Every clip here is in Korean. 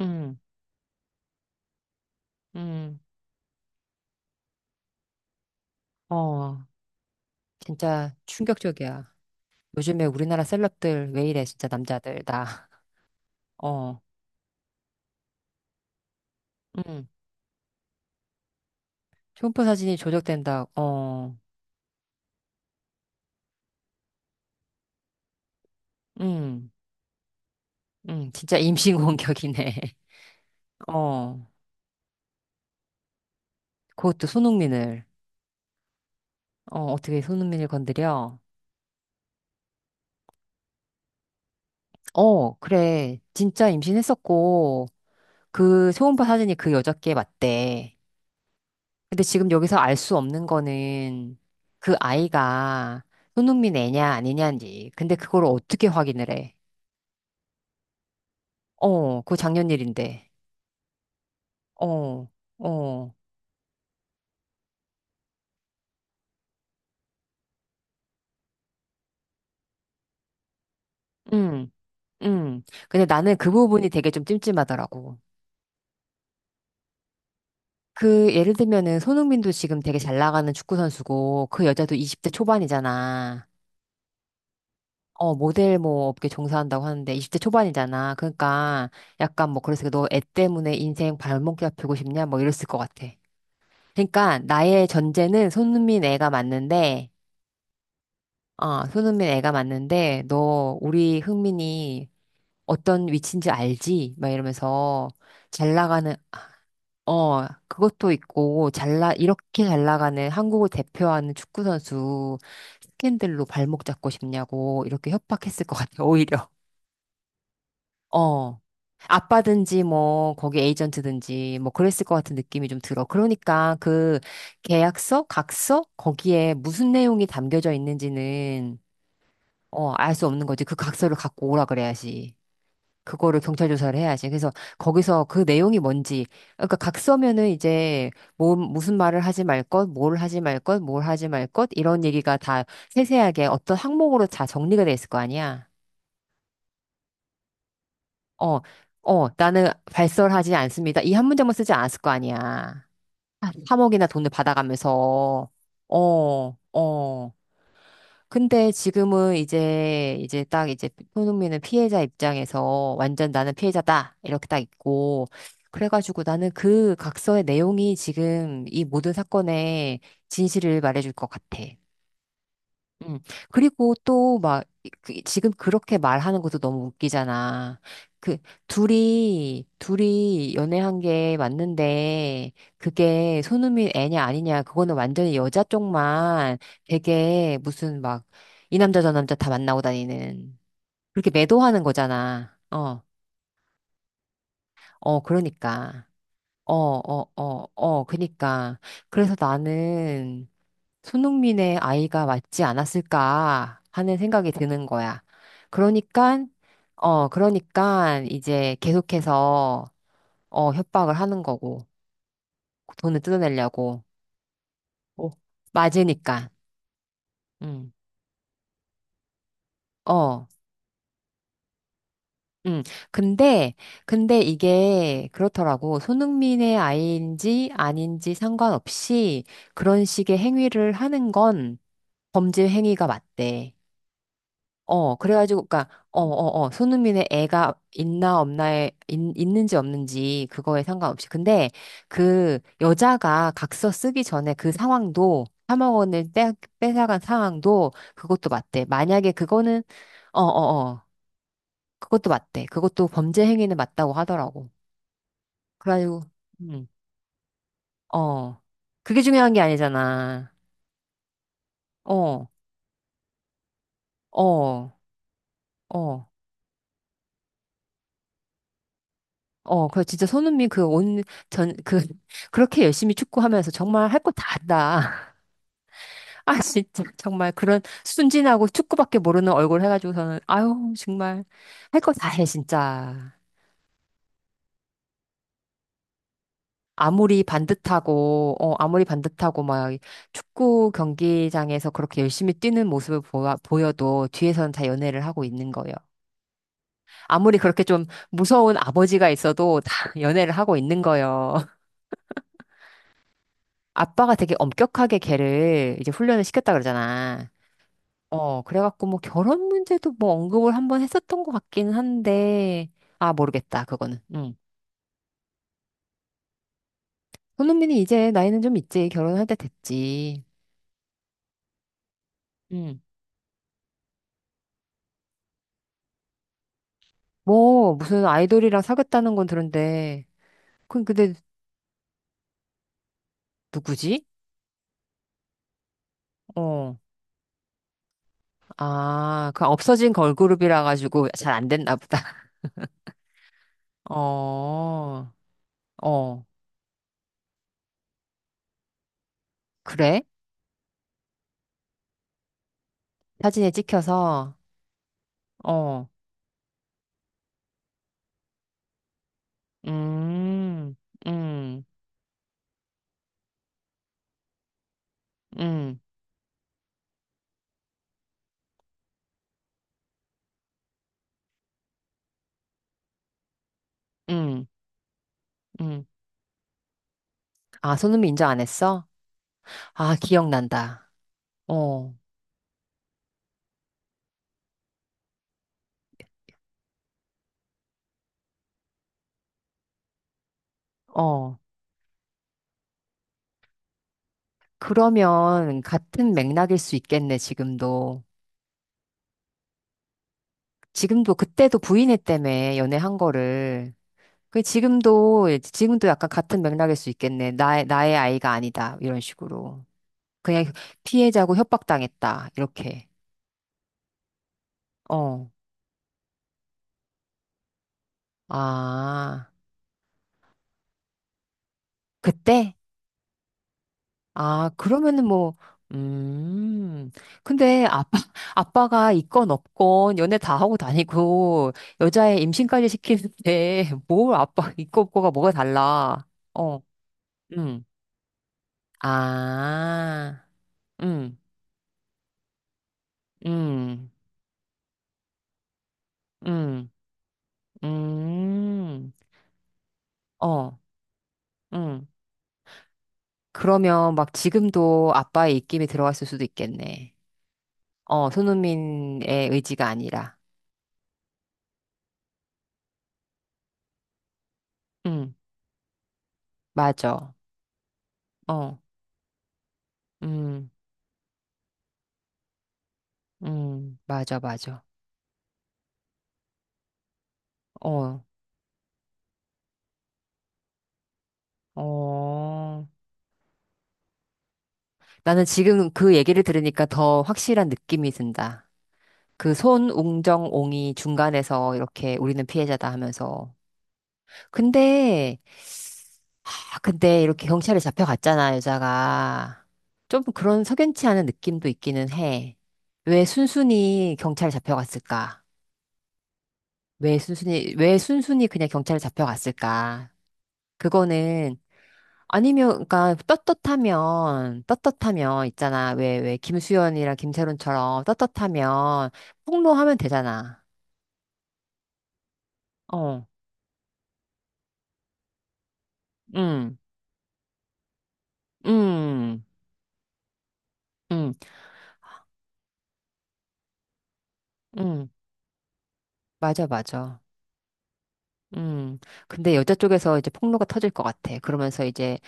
음, 음. 어, 진짜 충격적이야. 요즘에 우리나라 셀럽들 왜 이래, 진짜 남자들, 다. 어, 음. 흉포 사진이 조작된다. 어, 음, 진짜 임신 공격이네. 어, 그것도 손흥민을. 어, 어떻게 손흥민을 건드려? 어, 그래. 진짜 임신했었고, 그 초음파 사진이 그 여자께 맞대. 근데 지금 여기서 알 수 없는 거는 그 아이가 손흥민 애냐 아니냐인지. 근데 그걸 어떻게 확인을 해? 어, 그거 작년 일인데. 어, 어, 음, 음. 근데 나는 그 부분이 되게 좀 찜찜하더라고. 그 예를 들면은 손흥민도 지금 되게 잘 나가는 축구 선수고 그 여자도 20대 초반이잖아. 어, 모델 뭐 업계 종사한다고 하는데 20대 초반이잖아. 그러니까 약간 뭐 그래서 너 애 때문에 인생 발목 잡히고 싶냐 뭐 이랬을 것 같아. 그러니까 나의 전제는 손흥민 애가 맞는데, 어, 손흥민 애가 맞는데, 너 우리 흥민이 어떤 위치인지 알지? 막 이러면서 잘 나가는, 어, 그것도 있고, 이렇게 잘 나가는 한국을 대표하는 축구선수 스캔들로 발목 잡고 싶냐고 이렇게 협박했을 것 같아, 오히려. 어. 아빠든지 뭐 거기 에이전트든지 뭐 그랬을 것 같은 느낌이 좀 들어. 그러니까 그 계약서, 각서 거기에 무슨 내용이 담겨져 있는지는 알 수 없는 거지. 그 각서를 갖고 오라 그래야지. 그거를 경찰 조사를 해야지. 그래서 거기서 그 내용이 뭔지. 그러니까 각서면은 이제 뭐 무슨 말을 하지 말 것, 뭘 하지 말 것, 뭘 하지 말 것 이런 얘기가 다 세세하게 어떤 항목으로 다 정리가 돼 있을 거 아니야. 어, 어, 나는 발설하지 않습니다. 이 한 문장만 쓰지 않았을 거 아니야. 3억이나 돈을 받아가면서. 어, 어. 근데 지금은 이제 딱 이제 손흥민은 피해자 입장에서 완전 나는 피해자다. 이렇게 딱 있고. 그래가지고 나는 그 각서의 내용이 지금 이 모든 사건의 진실을 말해줄 것 같아. 음. 그리고 또 막, 지금 그렇게 말하는 것도 너무 웃기잖아. 그, 둘이 연애한 게 맞는데, 그게 손흥민 애냐 아니냐, 그거는 완전히 여자 쪽만 되게 무슨 막, 이 남자 저 남자 다 만나고 다니는, 그렇게 매도하는 거잖아. 어, 어, 그러니까. 어, 어, 어, 어, 그니까. 그래서 나는, 손흥민의 아이가 맞지 않았을까 하는 생각이 드는 거야. 그러니까, 그러니까 이제 계속해서, 협박을 하는 거고, 돈을 뜯어내려고. 오. 맞으니까. 음 어. 음 근데, 근데 이게 그렇더라고. 손흥민의 아이인지 아닌지 상관없이 그런 식의 행위를 하는 건 범죄 행위가 맞대. 어, 그래가지고, 그니까, 어, 어, 어, 손흥민의 애가 있나 없나에, 있는지 없는지, 그거에 상관없이. 근데, 그, 여자가 각서 쓰기 전에 그 상황도, 3억 원을 뺏어간 상황도, 그것도 맞대. 만약에 그거는, 어, 어, 어, 그것도 맞대. 그것도 범죄 행위는 맞다고 하더라고. 그래가지고, 음, 어. 그게 중요한 게 아니잖아. 어, 어, 어. 어, 그 진짜 손흥민 그 전, 그, 그렇게 열심히 축구하면서 정말 할 거 다 한다. 아, 진짜. 정말 그런 순진하고 축구밖에 모르는 얼굴 해가지고서는, 아유, 정말 할 거 다 해, 진짜. 아무리 반듯하고, 막, 축구 경기장에서 그렇게 열심히 뛰는 모습을 보여도 뒤에서는 다 연애를 하고 있는 거예요. 아무리 그렇게 좀 무서운 아버지가 있어도 다 연애를 하고 있는 거예요. 아빠가 되게 엄격하게 걔를 이제 훈련을 시켰다 그러잖아. 어, 그래갖고 뭐 결혼 문제도 뭐 언급을 한번 했었던 것 같긴 한데, 아, 모르겠다, 그거는. 응. 손흥민이 이제 나이는 좀 있지. 결혼할 때 됐지. 응. 뭐, 무슨 아이돌이랑 사귀었다는 건 들은데, 그, 근데 누구지? 어, 아, 그 없어진 걸그룹이라 가지고 잘 안 됐나 보다. 어, 어, 그래? 사진에 찍혀서, 어, 음, 음. 응, 응, 응. 아, 손흥민 인정 안 했어? 아, 기억난다. 어, 어. 그러면 같은 맥락일 수 있겠네, 지금도. 지금도 그때도 부인했다며, 연애한 거를. 그 지금도 약간 같은 맥락일 수 있겠네. 나의 아이가 아니다. 이런 식으로. 그냥 피해자고 협박당했다. 이렇게. 어. 아, 그때? 아, 그러면은 뭐, 음, 근데 아빠, 아빠가 있건 없건 연애 다 하고 다니고 여자애 임신까지 시키는데 뭘 아빠 있고 없고가 뭐가 달라. 어, 음, 아, 음, 음, 음, 음, 어, 음. 그러면 막 지금도 아빠의 입김이 들어갔을 수도 있겠네. 어, 손흥민의 의지가 아니라. 음, 맞아. 어, 음. 맞아, 맞아. 어, 어. 나는 지금 그 얘기를 들으니까 더 확실한 느낌이 든다. 그 손웅정옹이 중간에서 이렇게 우리는 피해자다 하면서. 근데, 근데 이렇게 경찰에 잡혀갔잖아, 여자가. 좀 그런 석연치 않은 느낌도 있기는 해. 왜 순순히 경찰에 잡혀갔을까? 왜 순순히 그냥 경찰에 잡혀갔을까? 그거는 아니면, 그러니까, 떳떳하면, 있잖아. 왜, 김수현이랑 김세론처럼 떳떳하면, 폭로하면 되잖아. 어, 응, 응, 응, 응, 맞아, 맞아. 음, 근데 여자 쪽에서 이제 폭로가 터질 것 같아. 그러면서 이제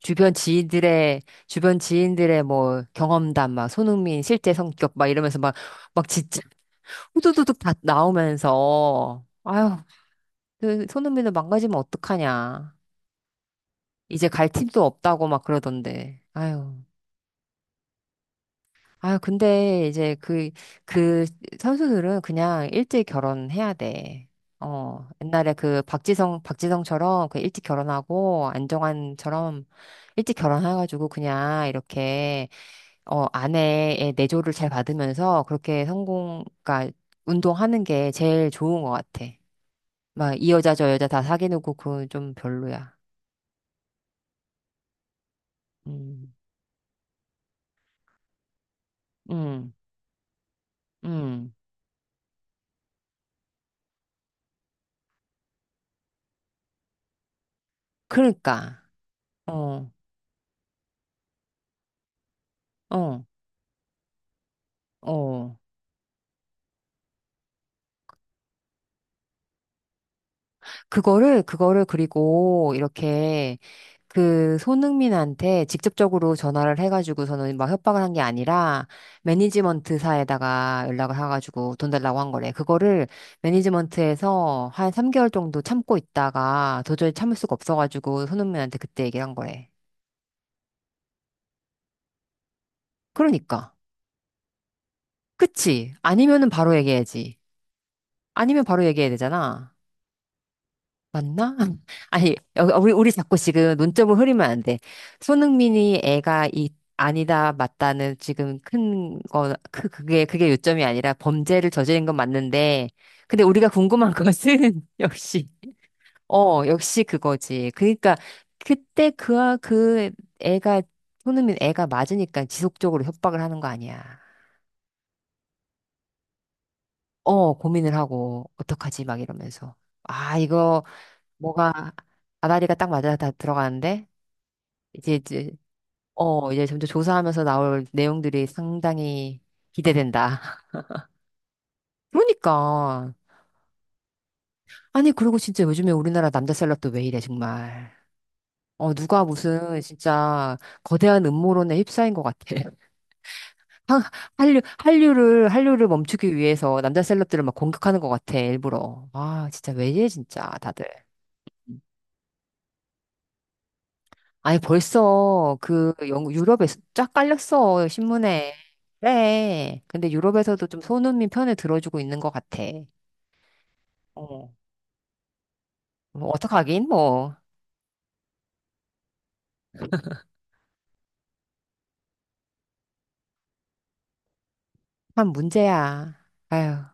주변 지인들의, 주변 지인들의 뭐 경험담, 막 손흥민 실제 성격, 막 이러면서 막, 막 진짜 후두두둑 다 나오면서, 아유, 그 손흥민을 망가지면 어떡하냐. 이제 갈 팀도 없다고 막 그러던데. 아유. 아유, 근데 이제 그, 그 선수들은 그냥 일찍 결혼해야 돼. 어, 옛날에 그 박지성처럼 그 일찍 결혼하고 안정환처럼 일찍 결혼해가지고 그냥 이렇게, 어, 아내의 내조를 잘 받으면서 그렇게 성공, 그러니까 운동하는 게 제일 좋은 것 같아. 막 이 여자 저 여자 다 사귀는 거 그건 좀 별로야. 음, 음, 음. 그러니까. 어, 어, 어. 그거를 그리고 이렇게 그 손흥민한테 직접적으로 전화를 해가지고서는 막 협박을 한 게 아니라 매니지먼트사에다가 연락을 해가지고 돈 달라고 한 거래. 그거를 매니지먼트에서 한 3개월 정도 참고 있다가 도저히 참을 수가 없어가지고 손흥민한테 그때 얘기를 한 거래. 그러니까. 그치? 아니면은 바로 얘기해야지. 아니면 바로 얘기해야 되잖아. 맞나? 아니, 어, 우리 자꾸 지금 논점을 흐리면 안 돼. 손흥민이 애가 아니다, 맞다는 지금 큰 거, 그게 요점이 아니라 범죄를 저지른 건 맞는데, 근데 우리가 궁금한 것은, 역시, 어, 역시 그거지. 그러니까, 그때 그, 그 애가, 손흥민 애가 맞으니까 지속적으로 협박을 하는 거 아니야. 어, 고민을 하고, 어떡하지? 막 이러면서. 아, 이거, 뭐가, 아다리가 딱 맞아 다 들어가는데? 이제 이제 이제 점점 조사하면서 나올 내용들이 상당히 기대된다. 그러니까 아니 그리고 진짜 요즘에 우리나라 남자 셀럽도 왜 이래 정말. 어 누가 무슨 진짜 거대한 음모론에 휩싸인 것 같아. 한- 한류를 멈추기 위해서 남자 셀럽들을 막 공격하는 것 같아 일부러. 아 진짜 왜 이래 진짜 다들. 아니 벌써 그 유럽에 쫙 깔렸어 신문에. 그래. 근데 유럽에서도 좀 손흥민 편을 들어주고 있는 것 같아. 어. 뭐 어떡하긴 뭐 한 문제야. 아휴.